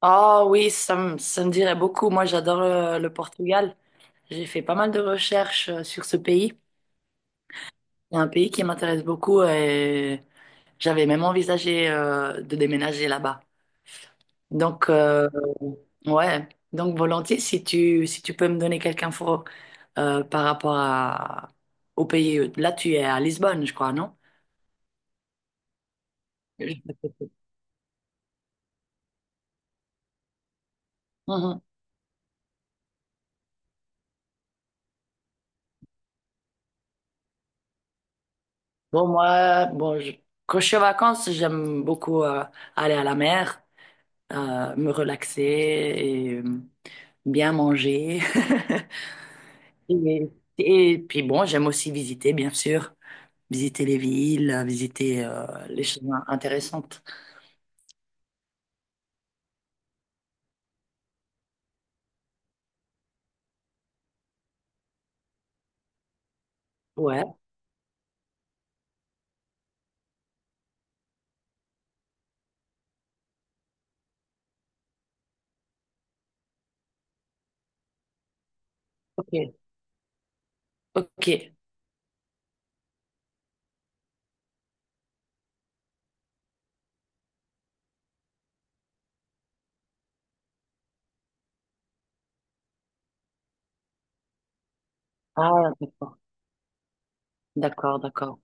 Ah oui, ça me dirait beaucoup. Moi, j'adore le Portugal. J'ai fait pas mal de recherches sur ce pays. C'est un pays qui m'intéresse beaucoup et j'avais même envisagé de déménager là-bas. Donc, euh, ouais. Donc, volontiers, si tu peux me donner quelques infos par rapport à, au pays. Là, tu es à Lisbonne, je crois, non? Je- Mhm. Bon, moi, bon, je- Quand je suis en vacances, j'aime beaucoup aller à la mer. Me relaxer et bien manger. Et, et puis bon, j'aime aussi visiter, bien sûr, visiter les villes, visiter les choses intéressantes. Ouais, ok, ok. Ah, d'accord, d'accord, d'accord.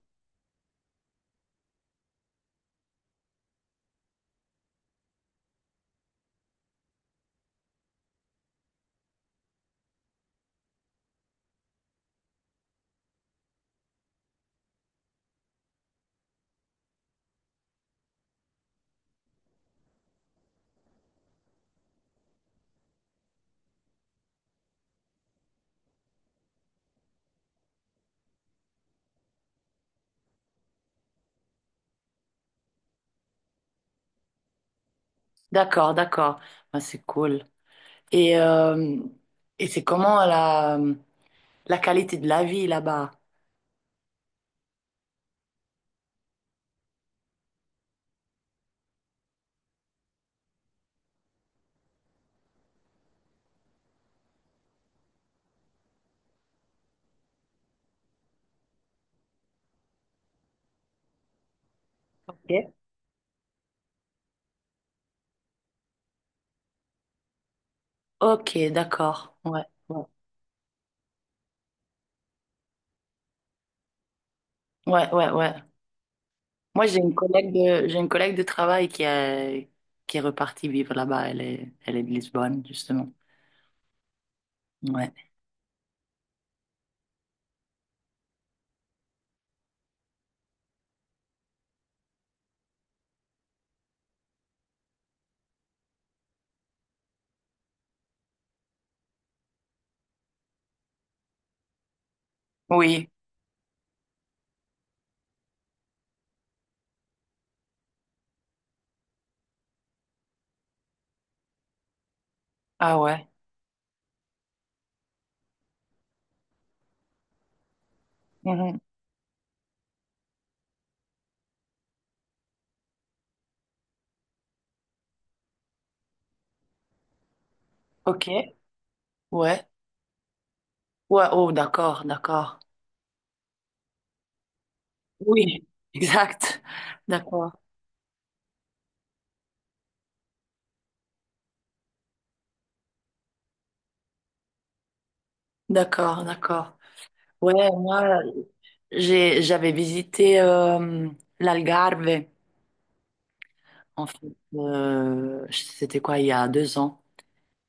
D'accord, d'accord. Ah, c'est cool. Et, euh, et c'est comment la qualité de la vie là-bas? Ok. Ok, d'accord. Ouais, ouais, ouais, ouais, ouais. Moi, j'ai une collègue de travail qui est repartie vivre là-bas. Elle est de Lisbonne, justement. Ouais. Oui. Ah ouais. Mhm. OK. Ouais. Ouais. Oh, d'accord, d'accord. Oui, exact. D'accord, d'accord, d'accord. Ouais, moi, j'avais visité l'Algarve, en fait. C'était quoi, il y a 2 ans.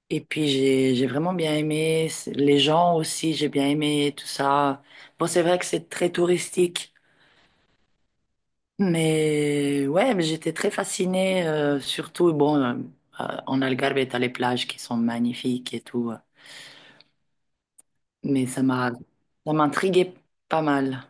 Et puis j'ai vraiment bien aimé les gens aussi, j'ai bien aimé tout ça. Bon, c'est vrai que c'est très touristique, mais ouais, mais j'étais très fascinée, surtout, en Algarve, t'as les plages qui sont magnifiques et tout, mais ça m'intriguait pas mal.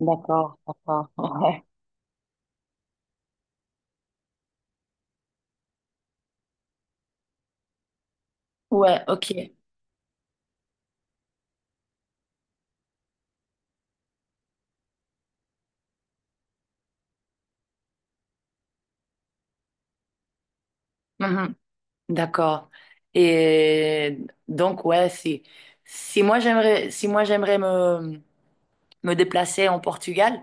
D'accord, d'accord. Ouais. Ouais, ok. Mhm. D'accord. Et donc ouais, si moi j'aimerais me déplaçais en Portugal,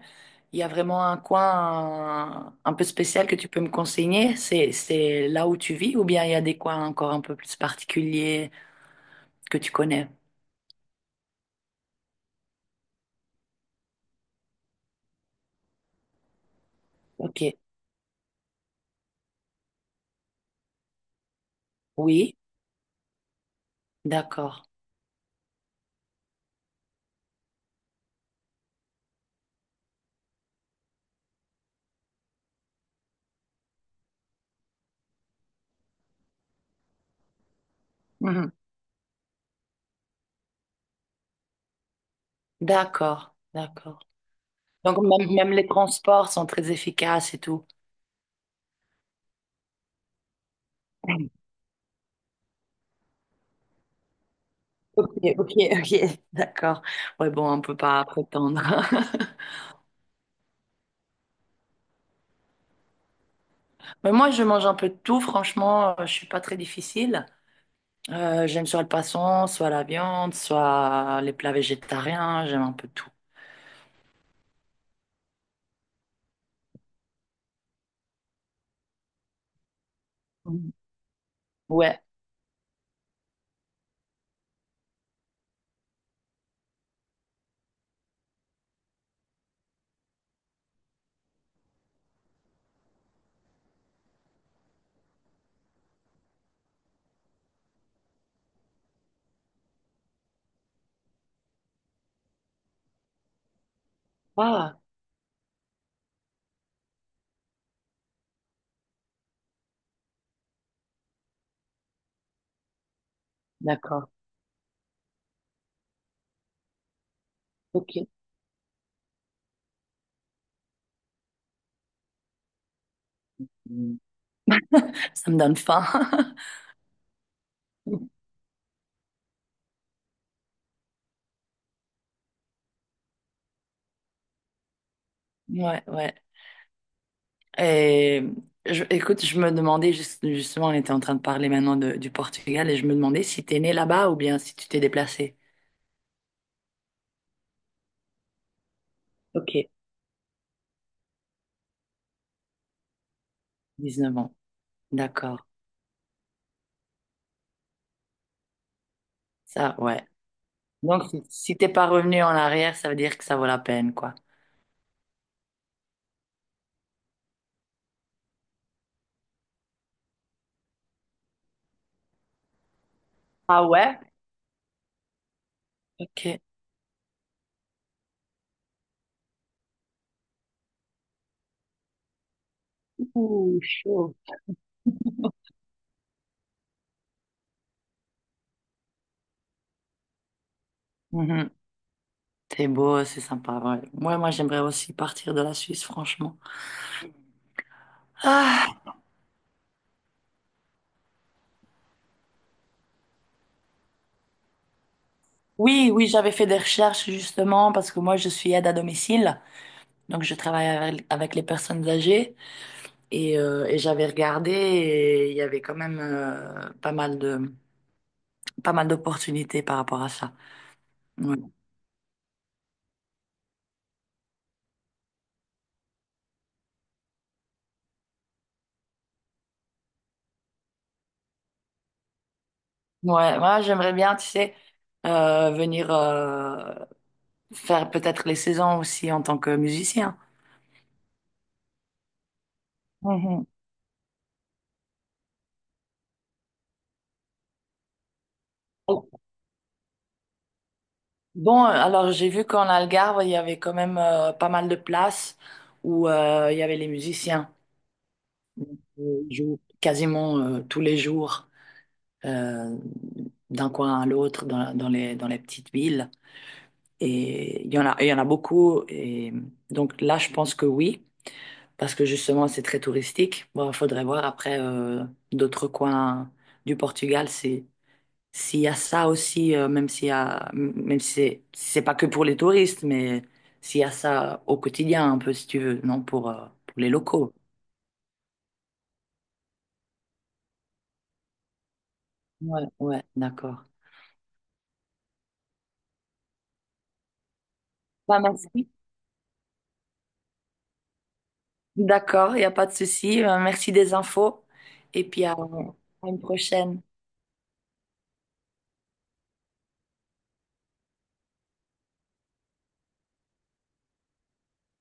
il y a vraiment un coin un peu spécial que tu peux me conseiller. C'est là où tu vis ou bien il y a des coins encore un peu plus particuliers que tu connais? Ok. Oui, d'accord. Mhm. D'accord, d'accord. Donc, même, même les transports sont très efficaces et tout. Ok, ok, ok, d'accord. Ouais, bon, on peut pas prétendre. Mais moi, je mange un peu de tout, franchement, je suis pas très difficile. J'aime soit le poisson, soit la viande, soit les plats végétariens, j'aime un peu tout. Mhm. Ouais. Ah, d'accord. Ok. Mm. Ça me donne faim. Ouais, ouais. Et écoute, je me demandais, justement, on était en train de parler maintenant du Portugal, et je me demandais si t'es né là-bas ou bien si tu t'es déplacé. Ok. 19 ans. D'accord. Ça, ouais. Donc, si si t'es pas revenu en arrière, ça veut dire que ça vaut la peine, quoi. Ah ouais? Ok. Ouh, chaud. C'est beau, c'est sympa, ouais. Moi, moi, j'aimerais aussi partir de la Suisse, franchement. Ah, oui, oui, j'avais fait des recherches justement parce que moi, je suis aide à domicile, donc je travaille avec les personnes âgées et j'avais regardé et il y avait quand même pas mal de, pas mal d'opportunités par rapport à ça. Ouais, ouais, moi, j'aimerais bien, tu sais, venir faire peut-être les saisons aussi en tant que musicien. Mhm. Bon, alors j'ai vu qu'en Algarve, il y avait quand même pas mal de places où il y avait les musiciens. Donc, ils jouent quasiment tous les jours euh, d'un coin à l'autre dans les petites villes. Et il y en a beaucoup. Et donc là, je pense que oui, parce que justement, c'est très touristique. Bon, il faudrait voir après d'autres coins du Portugal si, s'il y a ça aussi, même s'il y a, même si c'est pas que pour les touristes, mais s'il y a ça au quotidien, un peu, si tu veux, non, pour les locaux. Ouais, ouais, d'accord. Bah, merci. D'accord, il n'y a pas de souci. Merci des infos. Et puis à une prochaine.